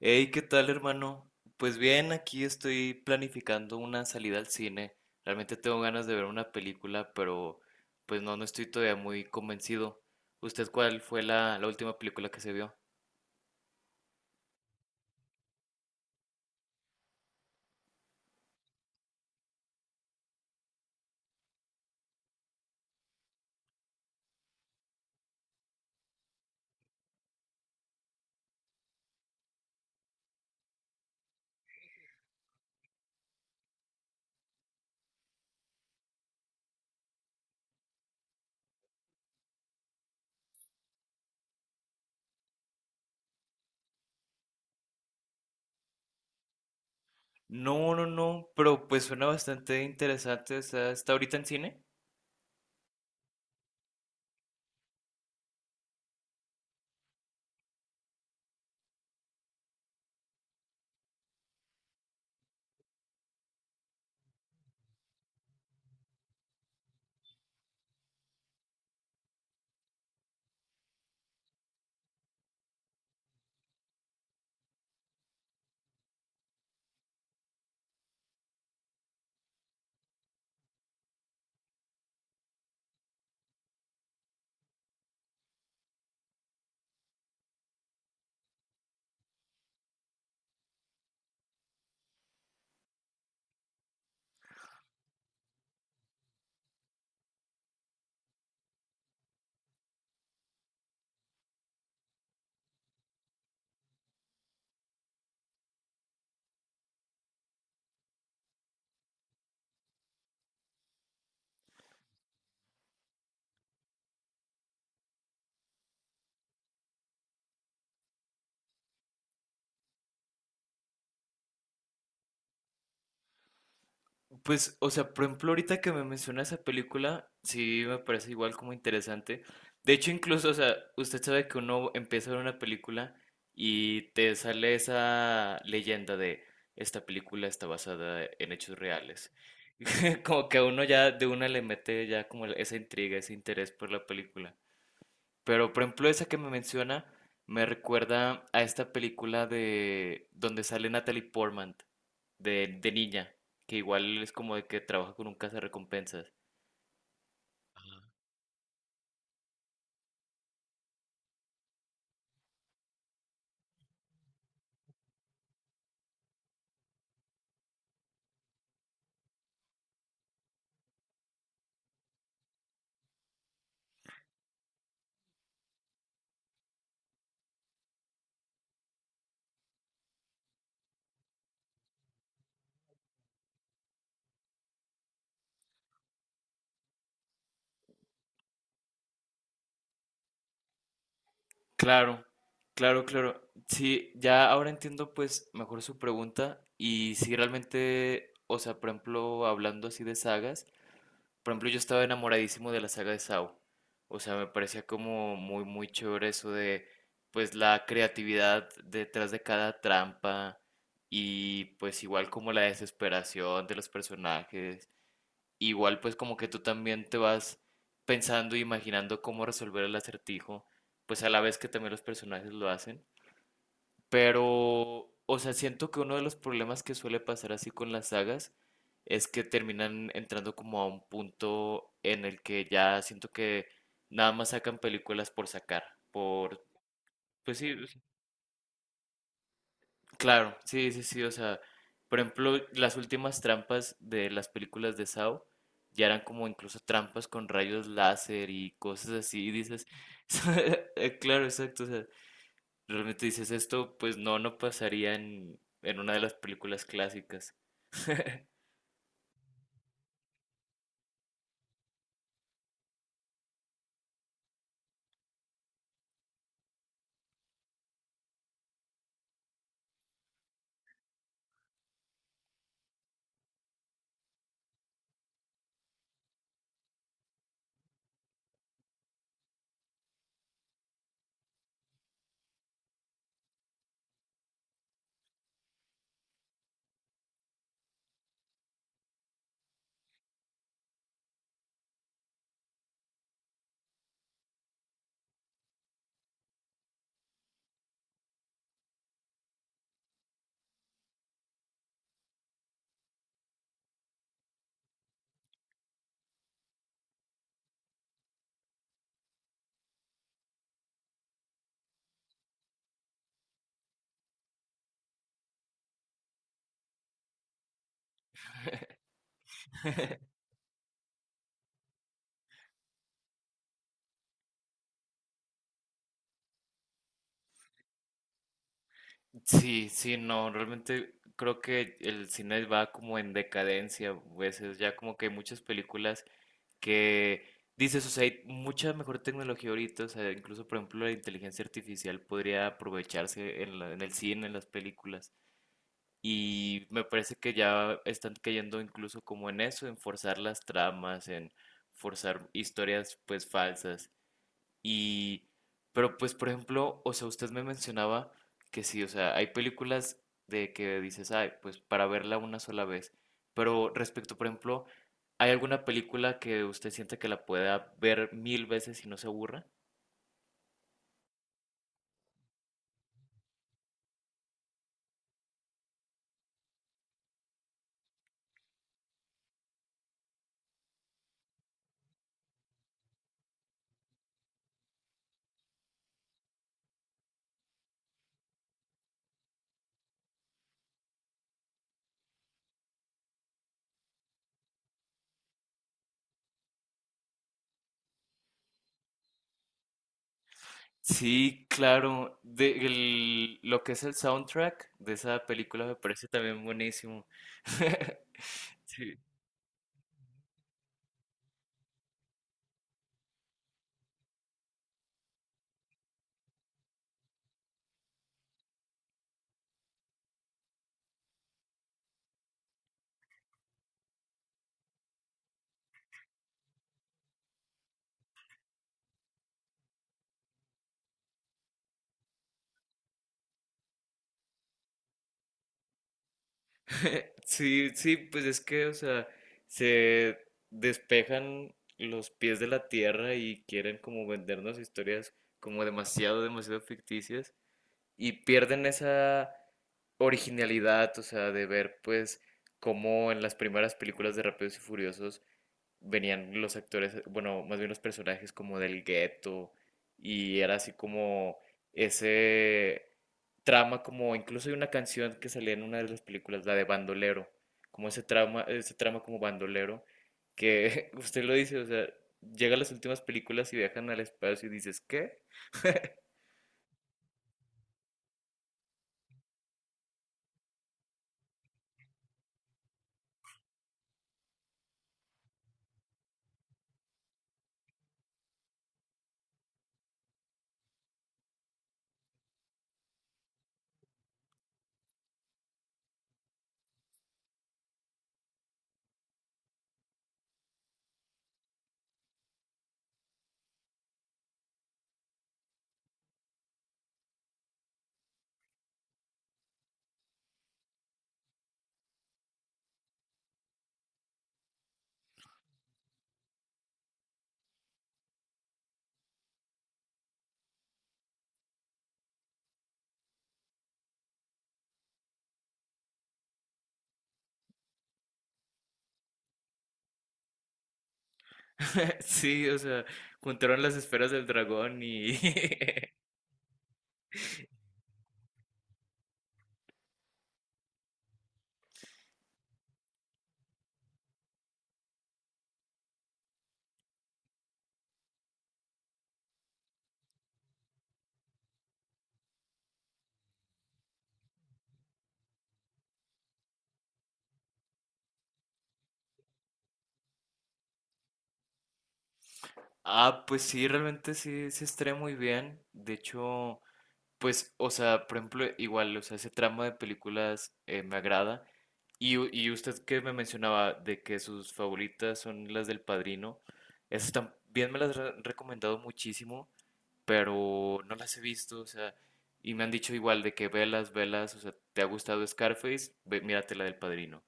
Hey, ¿qué tal, hermano? Pues bien, aquí estoy planificando una salida al cine. Realmente tengo ganas de ver una película, pero pues no estoy todavía muy convencido. ¿Usted cuál fue la última película que se vio? No, no, no, pero pues suena bastante interesante. O sea, ¿está ahorita en cine? Pues, o sea, por ejemplo, ahorita que me menciona esa película, sí me parece igual como interesante. De hecho, incluso, o sea, usted sabe que uno empieza a ver una película y te sale esa leyenda de esta película está basada en hechos reales. Como que a uno ya de una le mete ya como esa intriga, ese interés por la película. Pero, por ejemplo, esa que me menciona me recuerda a esta película de donde sale Natalie Portman de niña, que igual es como de que trabaja con un cazarrecompensas. Claro, claro, claro. Sí, ya ahora entiendo pues mejor su pregunta y si realmente, o sea, por ejemplo, hablando así de sagas, por ejemplo, yo estaba enamoradísimo de la saga de Saw. O sea, me parecía como muy, muy chévere eso de, pues, la creatividad detrás de cada trampa y pues igual como la desesperación de los personajes. Igual pues como que tú también te vas pensando e imaginando cómo resolver el acertijo, pues a la vez que también los personajes lo hacen. Pero, o sea, siento que uno de los problemas que suele pasar así con las sagas es que terminan entrando como a un punto en el que ya siento que nada más sacan películas por sacar, por... Pues sí, o sea, claro, sí, sí, sí, o sea, por ejemplo, las últimas trampas de las películas de Saw ya eran como incluso trampas con rayos láser y cosas así, y dices, claro, exacto, o sea, realmente dices esto, pues no, no pasaría en una de las películas clásicas. Sí, sí, no, realmente creo que el cine va como en decadencia a veces, ya como que hay muchas películas que dices, o sea, hay mucha mejor tecnología ahorita, o sea, incluso por ejemplo la inteligencia artificial podría aprovecharse en la- en el cine, en las películas. Y me parece que ya están cayendo incluso como en eso, en forzar las tramas, en forzar historias pues falsas. Y, pero pues por ejemplo, o sea, usted me mencionaba que sí, o sea, hay películas de que dices, ay, pues para verla una sola vez. Pero respecto, por ejemplo, ¿hay alguna película que usted siente que la pueda ver mil veces y no se aburra? Sí, claro. De, el- lo que es el soundtrack de esa película me parece también buenísimo. Sí. Sí, sí, pues es que, o sea, se despejan los pies de la tierra y quieren como vendernos historias como demasiado, demasiado ficticias y pierden esa originalidad, o sea, de ver pues cómo en las primeras películas de Rápidos y Furiosos venían los actores, bueno, más bien los personajes como del gueto y era así como ese trama como incluso hay una canción que salía en una de las películas, la de Bandolero, como ese trama como bandolero que usted lo dice, o sea, llega a las últimas películas y viajan al espacio y dices, ¿qué? Sí, o sea, juntaron las esferas del dragón y... Ah, pues sí, realmente sí se estrena muy bien. De hecho, pues, o sea, por ejemplo, igual, o sea, ese tramo de películas me agrada. Y, y usted que me mencionaba de que sus favoritas son las del Padrino, esas también me las han recomendado muchísimo, pero no las he visto, o sea, y me han dicho igual de que velas, velas, o sea, ¿te ha gustado Scarface? Ve, mírate la del Padrino.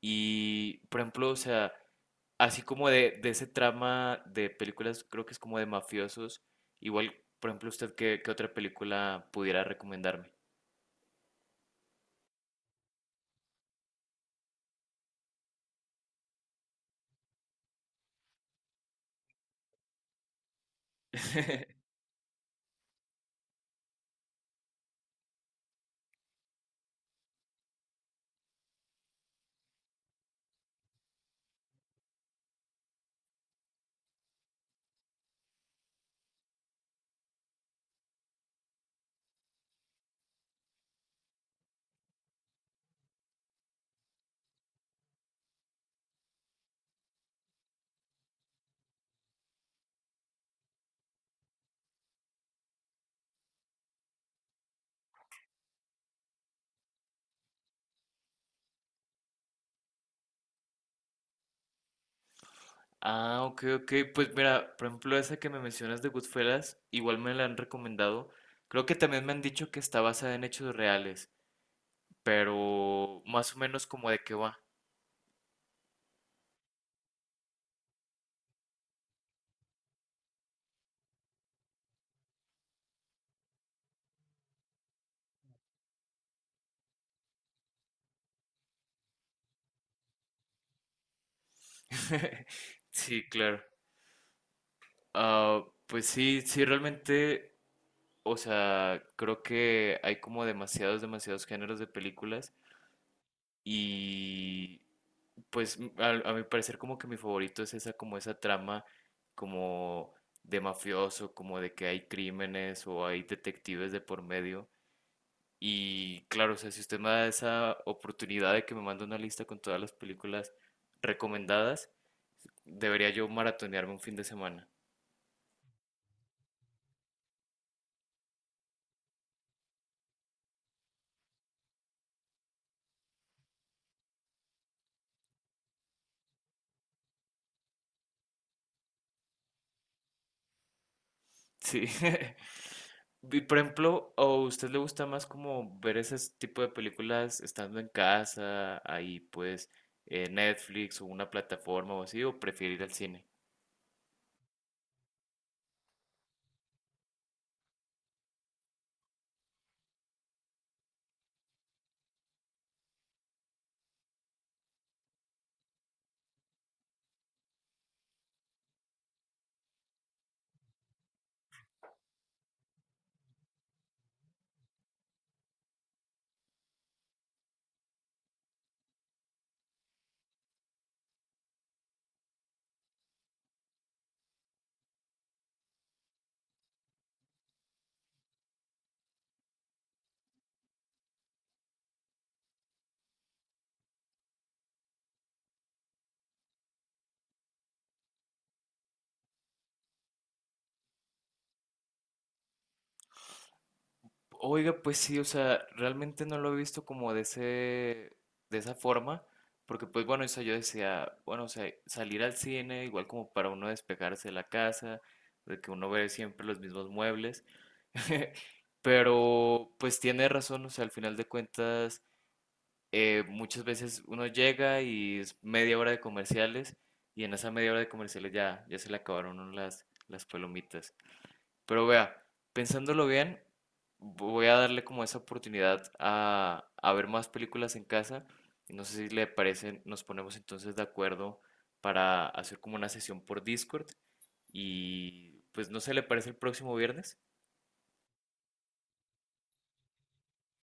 Y, por ejemplo, o sea, así como de ese trama de películas, creo que es como de mafiosos. Igual, por ejemplo, usted, ¿qué, qué otra película pudiera recomendarme? Ah, ok, ok. Pues mira, por ejemplo, esa que me mencionas de Goodfellas, igual me la han recomendado. Creo que también me han dicho que está basada en hechos reales, pero más o menos como de qué va. Sí, claro. Ah, pues sí, sí, realmente, o sea, creo que hay como demasiados, demasiados géneros de películas y pues mi parecer como que mi favorito es esa como esa trama como de mafioso, como de que hay crímenes o hay detectives de por medio. Y claro, o sea, si usted me da esa oportunidad de que me mande una lista con todas las películas recomendadas, debería yo maratonearme un fin de semana. Sí. Y por ejemplo, ¿o usted le gusta más como ver ese tipo de películas estando en casa, ahí pues Netflix o una plataforma o así, o prefiere ir al cine? Oiga, pues sí, o sea, realmente no lo he visto como de ese, de esa forma, porque pues bueno, o sea, yo decía, bueno, o sea, salir al cine igual como para uno despejarse de la casa, de que uno ve siempre los mismos muebles, pero pues tiene razón, o sea, al final de cuentas muchas veces uno llega y es media hora de comerciales y en esa media hora de comerciales ya, ya se le acabaron a uno las palomitas. Pero vea, pensándolo bien, voy a darle como esa oportunidad a ver más películas en casa. Y no sé si le parece, nos ponemos entonces de acuerdo para hacer como una sesión por Discord y pues no sé, ¿le parece el próximo viernes?